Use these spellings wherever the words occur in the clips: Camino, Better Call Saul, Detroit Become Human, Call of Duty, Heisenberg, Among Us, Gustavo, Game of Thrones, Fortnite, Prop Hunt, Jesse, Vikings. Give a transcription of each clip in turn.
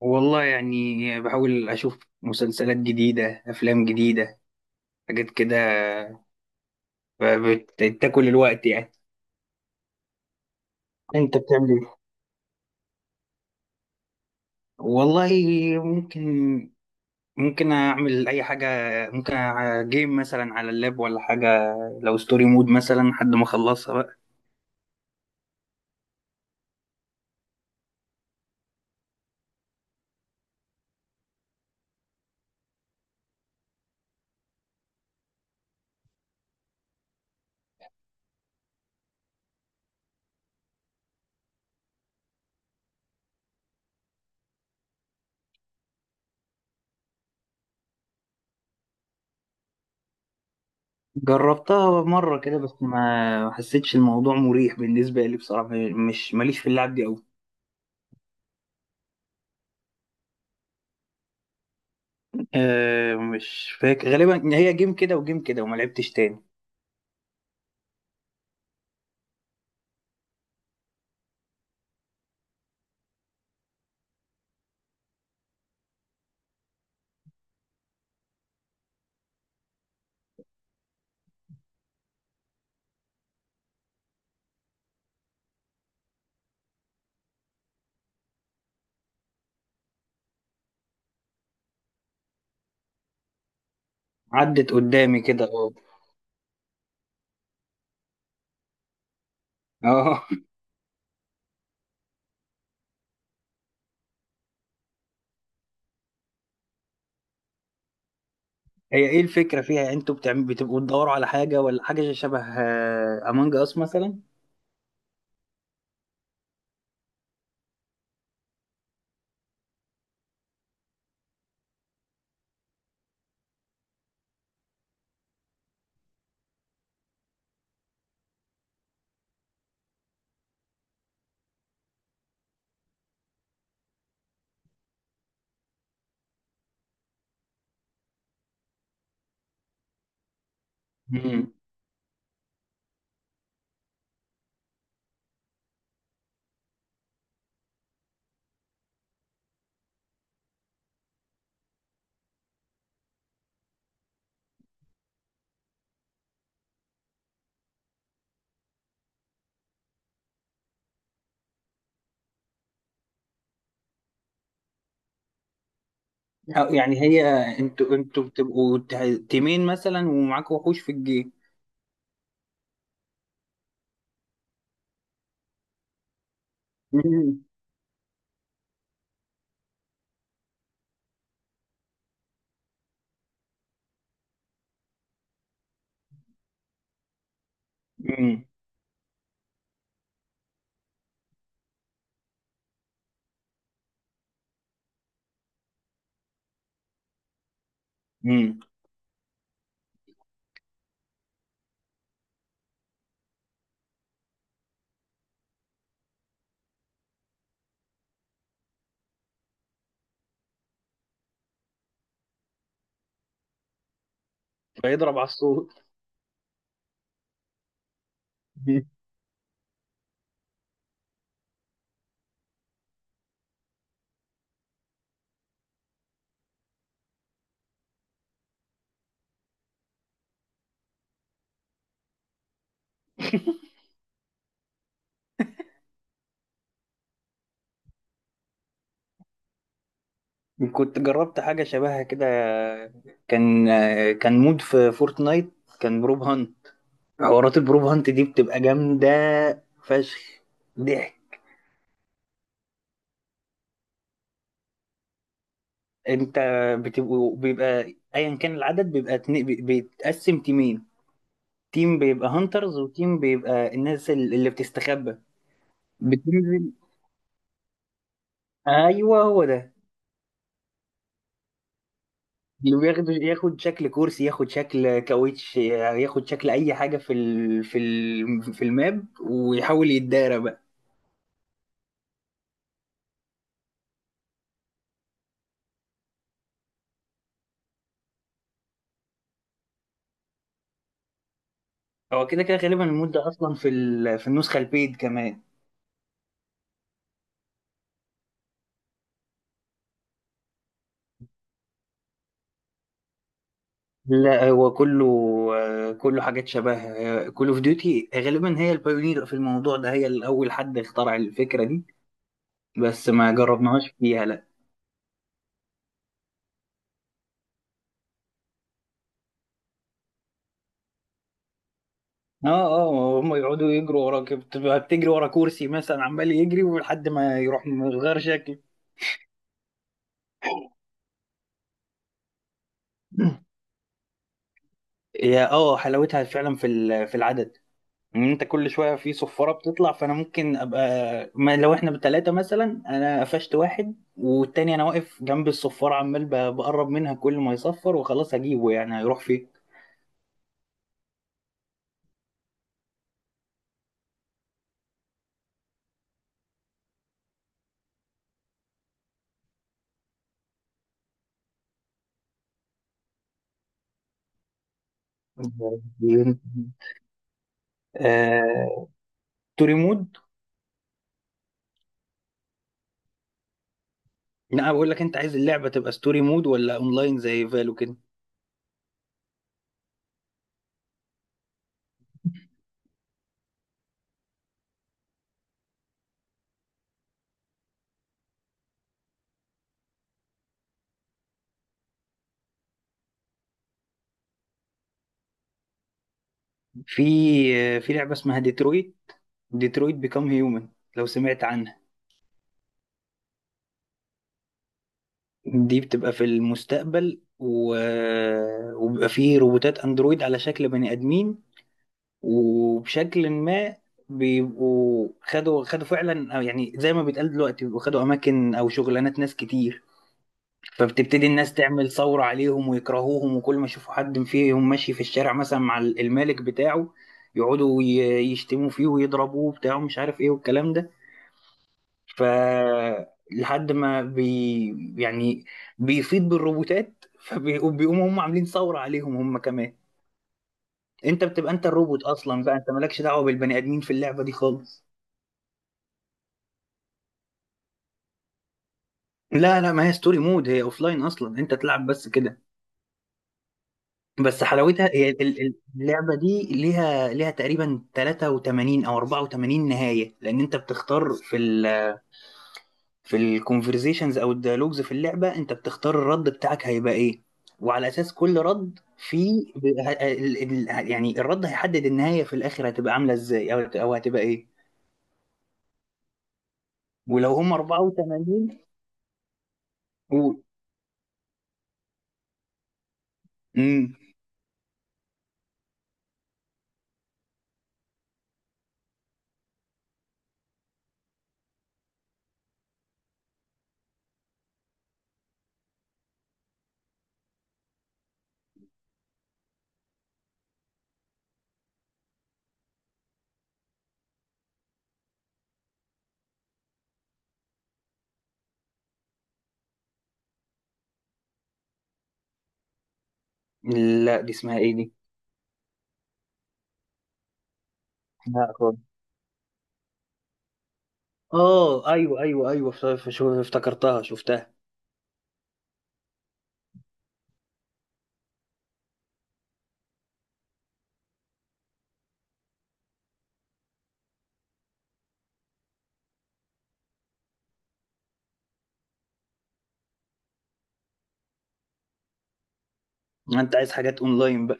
والله يعني بحاول أشوف مسلسلات جديدة أفلام جديدة حاجات كده. بتاكل الوقت يعني. أنت بتعمل إيه؟ والله ممكن. أعمل أي حاجة. ممكن جيم مثلا على اللاب ولا حاجة، لو ستوري مود مثلا لحد ما أخلصها بقى. جربتها مرة كده بس ما حسيتش الموضوع مريح بالنسبة لي بصراحة، مش ماليش في اللعب دي أوي. أه مش فاكر، غالبا هي جيم كده وجيم كده وما لعبتش تاني. عدت قدامي كده، اه. اه، هي ايه الفكرة فيها؟ يعني انتوا بتعمل بتبقوا تدوروا على حاجة ولا حاجة شبه امونج اس مثلا؟ مم. أو يعني هي انتوا تيمين مثلا ومعاكوا وحوش في الجيم؟ مم. مم. مم. فيضرب على الصوت. مم. كنت جربت حاجة شبهها كده، كان آه، كان مود في فورتنايت، كان بروب هانت. حوارات البروب هانت دي بتبقى جامدة فشخ ضحك. انت بتبقوا، بيبقى ايا كان العدد، بيبقى بيتقسم تيمين: تيم بيبقى هانترز، وتيم بيبقى اللي بتستخبى. بتنزل. ايوه هو ده. اللي بياخد، ياخد شكل كرسي، ياخد شكل كاوتش، ياخد شكل اي حاجه في الماب، ويحاول يتدارى بقى. هو كده كده غالبا المود ده اصلا في النسخه البيد كمان. لا، هو كله آه، كله حاجات شبه كول اوف ديوتي. غالبا هي البايونير في الموضوع ده، هي الأول حد اخترع الفكرة دي. بس ما جربناهاش فيها لا. اه اه، هم يقعدوا يجروا وراك، بتبقى بتجري ورا كرسي مثلا عمال يجري، ولحد ما يروح مغير شكل. هي اه، حلاوتها فعلا في العدد. ان انت كل شويه في صفاره بتطلع، فانا ممكن ابقى، ما لو احنا بتلاتة مثلا، انا قفشت واحد والتاني انا واقف جنب الصفاره عمال بقرب منها، كل ما يصفر وخلاص هجيبه، يعني هيروح فين؟ آه... ستوري مود. لا بقول لك، انت عايز اللعبه تبقى ستوري مود ولا اونلاين زي فالو كده؟ في آه، في لعبه اسمها ديترويت، ديترويت بيكام هيومن، لو سمعت عنها. دي بتبقى في المستقبل و... وبيبقى فيه روبوتات اندرويد على شكل بني ادمين، وبشكل ما بيبقوا خدوا فعلا، أو يعني زي ما بيتقال دلوقتي، بيبقوا خدوا اماكن او شغلانات ناس كتير. فبتبتدي الناس تعمل ثورة عليهم ويكرهوهم، وكل ما يشوفوا حد فيهم ماشي في الشارع مثلا مع المالك بتاعه يقعدوا يشتموا فيه ويضربوه بتاعه مش عارف ايه والكلام ده. ف لحد ما بي يعني بيفيض بالروبوتات، فبيقوموا هم عاملين ثورة عليهم هم كمان. انت بتبقى انت الروبوت اصلا بقى، انت مالكش دعوة بالبني ادمين في اللعبة دي خالص. لا لا، ما هي ستوري مود، هي اوف لاين اصلا، انت تلعب بس كده. بس حلاوتها هي اللعبه دي ليها تقريبا 83 او 84 نهايه، لان انت بتختار في الكونفرزيشنز او الديالوجز في اللعبه، انت بتختار الرد بتاعك هيبقى ايه، وعلى اساس كل رد في يعني الرد هيحدد النهايه في الاخر هتبقى عامله ازاي او او هتبقى ايه. ولو هم 84، قول. امم، لا دي اسمها ايه دي؟ لا، اه ايوه ايوه ايوه، افتكرتها شفتها. انت عايز حاجات اونلاين بقى؟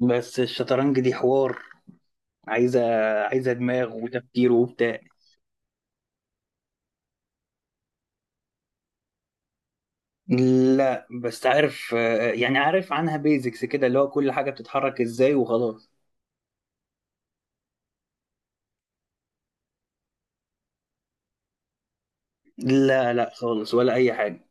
بس الشطرنج دي حوار، عايزه. عايزه دماغ وتفكير وبتاع. لا بس عارف آه، يعني عارف عنها بيزكس كده، اللي هو كل حاجه بتتحرك ازاي وخلاص. لا لا خالص ولا اي حاجه.